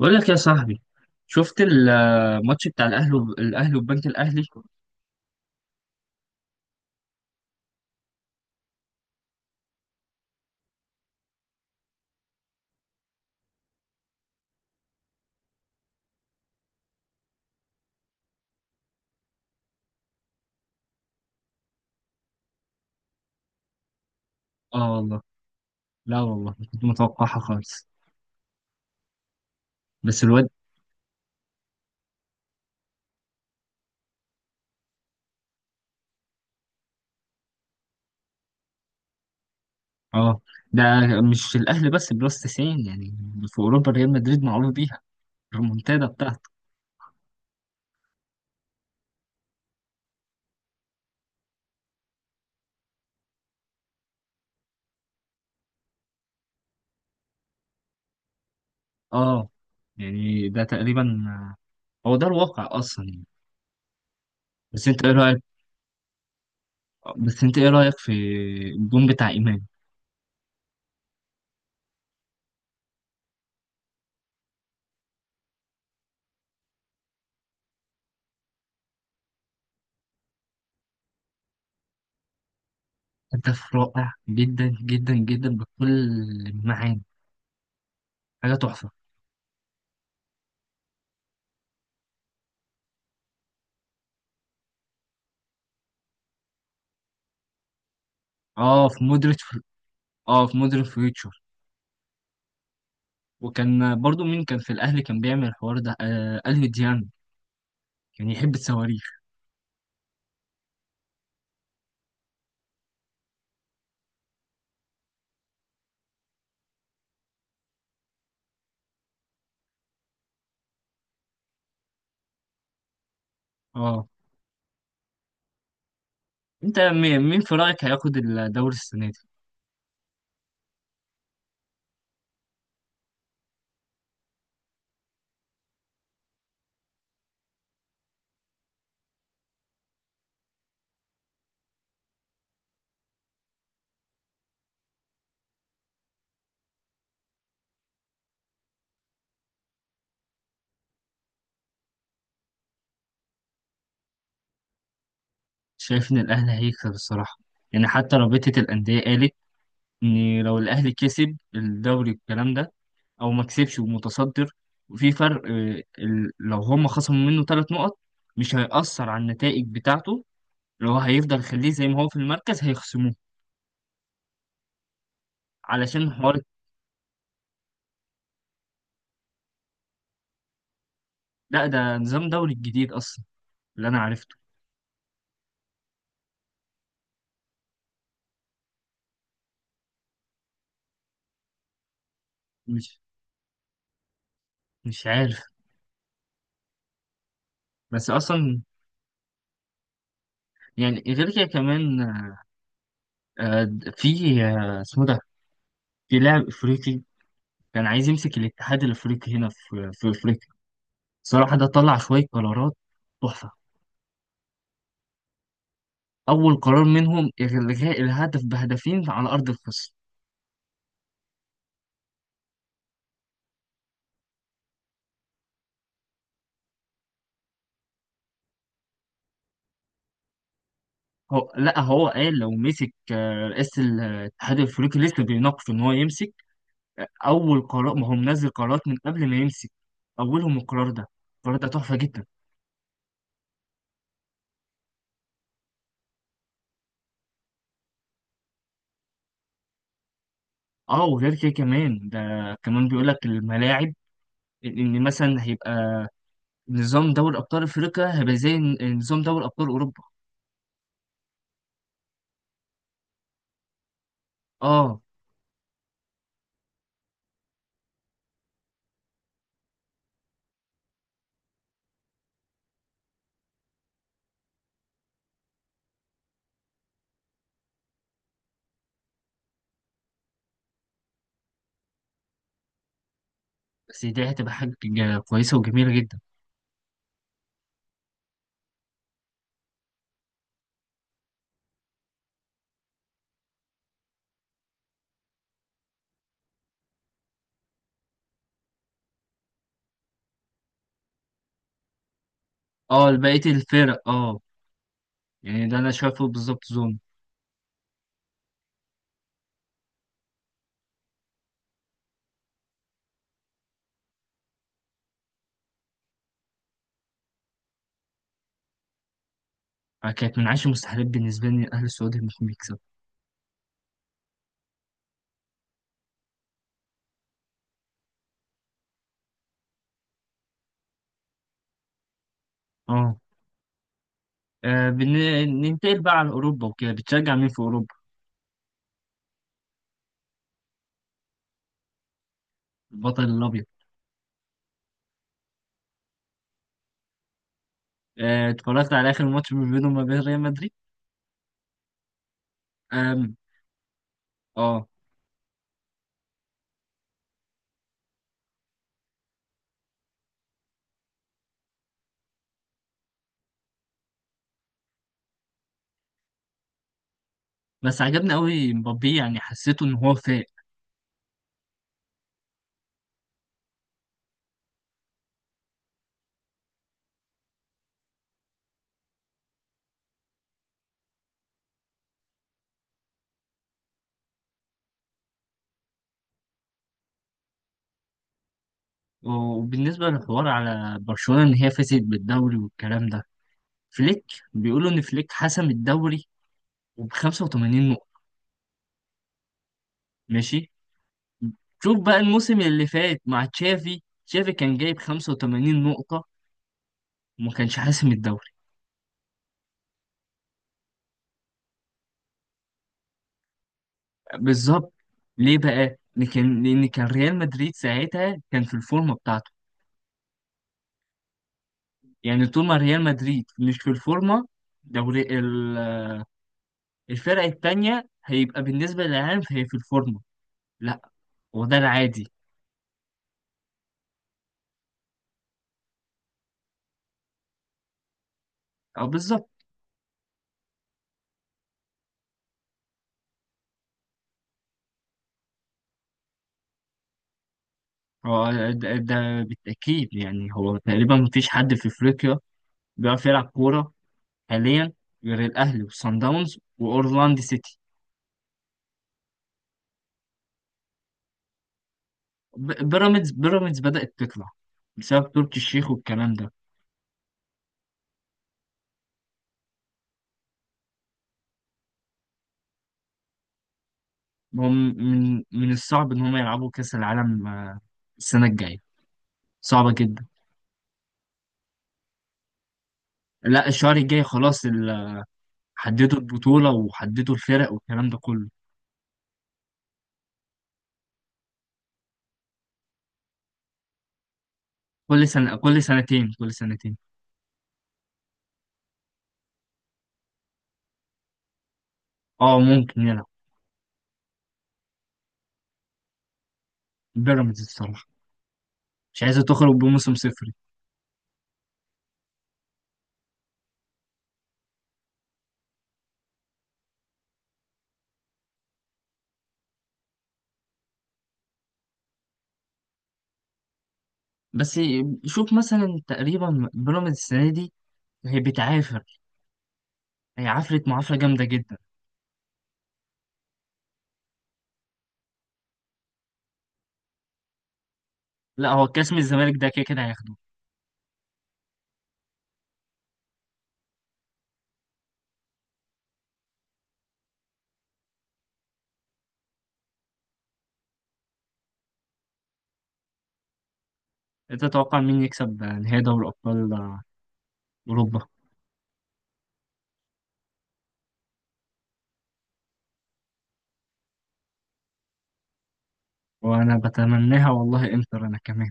بقول لك يا صاحبي، شفت الماتش بتاع الاهلي وب... الاهلي والبنك الاهلي. اه والله، لا والله ما كنت متوقعها خالص. بس الواد، اه، ده مش الاهلي بس، بلس 90 يعني. في اوروبا، ريال مدريد معروف بيها الريمونتادا بتاعته. اه، يعني ده تقريبا هو ده الواقع اصلا يعني. بس انت ايه رايك بس انت ايه رايك في الجون بتاع امام؟ هدف رائع جدا جدا جدا بكل المعاني، حاجه تحفه. اه، في مودريتش. اه، في مودريتش. وكان برضو، مين كان في الاهلي كان بيعمل الحوار ده؟ الف ديان. كان يحب الصواريخ. اه. انت مين في رايك هياخد الدوري السنه دي؟ شايف ان الاهلي هيكسب الصراحه، يعني حتى رابطه الانديه قالت ان لو الاهلي كسب الدوري والكلام ده، او ما كسبش ومتصدر، وفي فرق، لو هم خصموا منه 3 نقط، مش هيأثر على النتائج بتاعته. لو هو هيفضل يخليه زي ما هو في المركز، هيخصموه علشان حوار. لا، ده نظام دوري الجديد اصلا اللي انا عرفته. مش عارف. بس اصلا يعني، غير كده كمان، آه، في آه، اسمه ده في لاعب افريقي كان عايز يمسك الاتحاد الافريقي، هنا في افريقيا. صراحه، ده طلع شويه قرارات تحفه. اول قرار منهم الغاء الهدف بهدفين على ارض الخصم. هو، لا، هو قال لو مسك رئيس الاتحاد الافريقي لسه بيناقش ان هو يمسك. اول قرار، ما هو منزل قرارات من قبل ما يمسك، اولهم القرار ده. القرار ده تحفه جدا. اه، وغير كده كمان، ده كمان بيقول لك الملاعب، لان مثلا هيبقى نظام دوري ابطال افريقيا هيبقى زي نظام دوري ابطال اوروبا. اه، بس دي هتبقى حاجه كويسه وجميله جدا. اه، بقيه الفرق، اه. يعني ده، انا شايفه بالظبط ظلم. آه، كانت من عشر مستحيلات بالنسبه لي الاهلي السعودي انهم يكسبوا. اه. آه، بن- ننتقل بقى على اوروبا وكده، بتشجع مين في اوروبا؟ البطل الابيض. اتفرجت على اخر ماتش ما بينهم وما بين ريال مدريد. آم، اه. بس عجبني قوي مبابي، يعني حسيته ان هو فايق. وبالنسبة للحوار على برشلونة إن هي فازت بالدوري والكلام ده، فليك، بيقولوا إن فليك حسم الدوري، وب 85 نقطة. ماشي. شوف بقى، الموسم اللي فات مع تشافي، كان جايب 85 نقطة وما كانش حاسم الدوري. بالظبط. ليه بقى؟ لأن كان ريال مدريد ساعتها كان في الفورمة بتاعته. يعني طول ما ريال مدريد مش في الفورمة، دوري الفرق التانية هيبقى بالنسبة للعالم هي في الفورمة. لا. وده العادي. أو بالظبط. هو ده, بالتأكيد، يعني هو تقريبا مفيش حد في أفريقيا بيعرف يلعب كورة حاليا، غير الأهلي وصن داونز وأورلاندو سيتي. بيراميدز بدأت تطلع بسبب تركي الشيخ والكلام ده. هم، من الصعب إن هم يلعبوا كأس العالم السنة الجاية، صعبة جدا. لا، الشهر الجاي خلاص، حددوا البطولة وحددوا الفرق والكلام ده كله. كل سنة، كل سنتين، كل سنتين. اه، ممكن يلعب. بيراميدز، الصراحة، مش عايزة تخرج بموسم صفر. بس شوف مثلا، تقريبا بيراميدز السنه دي هي بتعافر، هي عفرت معافره جامده جدا. لا، هو الكاس من الزمالك ده، كده كده هياخده. انت تتوقع مين يكسب نهائي دوري ابطال اوروبا؟ وانا بتمناها والله، انتر، انا كمان.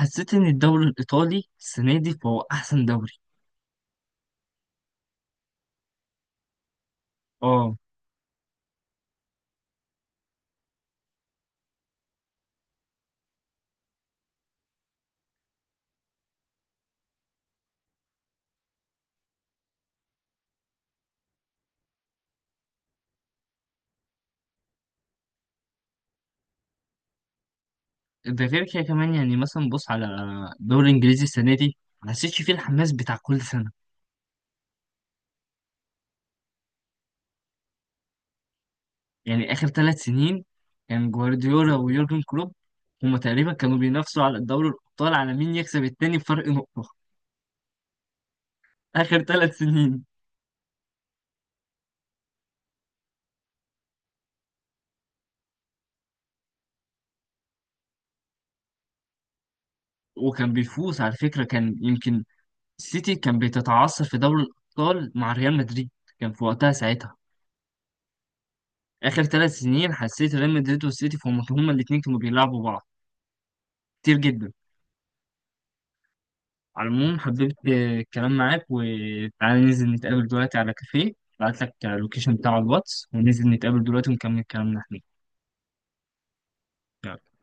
حسيت ان الدوري الايطالي السنه دي فهو احسن دوري. اه، ده غير كده كمان، يعني مثلا بص على الدوري الانجليزي السنه دي، ما حسيتش فيه الحماس بتاع كل سنه. يعني آخر 3 سنين، كان جوارديولا ويورجن كلوب، هما تقريبا كانوا بينافسوا على الدوري الأبطال، على مين يكسب التاني بفرق نقطة. آخر 3 سنين. وكان بيفوز على فكرة، كان يمكن السيتي كان بتتعثر في دوري الأبطال مع ريال مدريد، كان في وقتها ساعتها. آخر 3 سنين، حسيت ريال مدريد والسيتي فهم هما الاتنين كانوا بيلعبوا بعض كتير جدا. على العموم، حبيت الكلام معاك، وتعالى ننزل نتقابل دلوقتي على كافيه. بعت لك اللوكيشن بتاع الواتس، وننزل نتقابل دلوقتي ونكمل كلامنا هناك. يلا.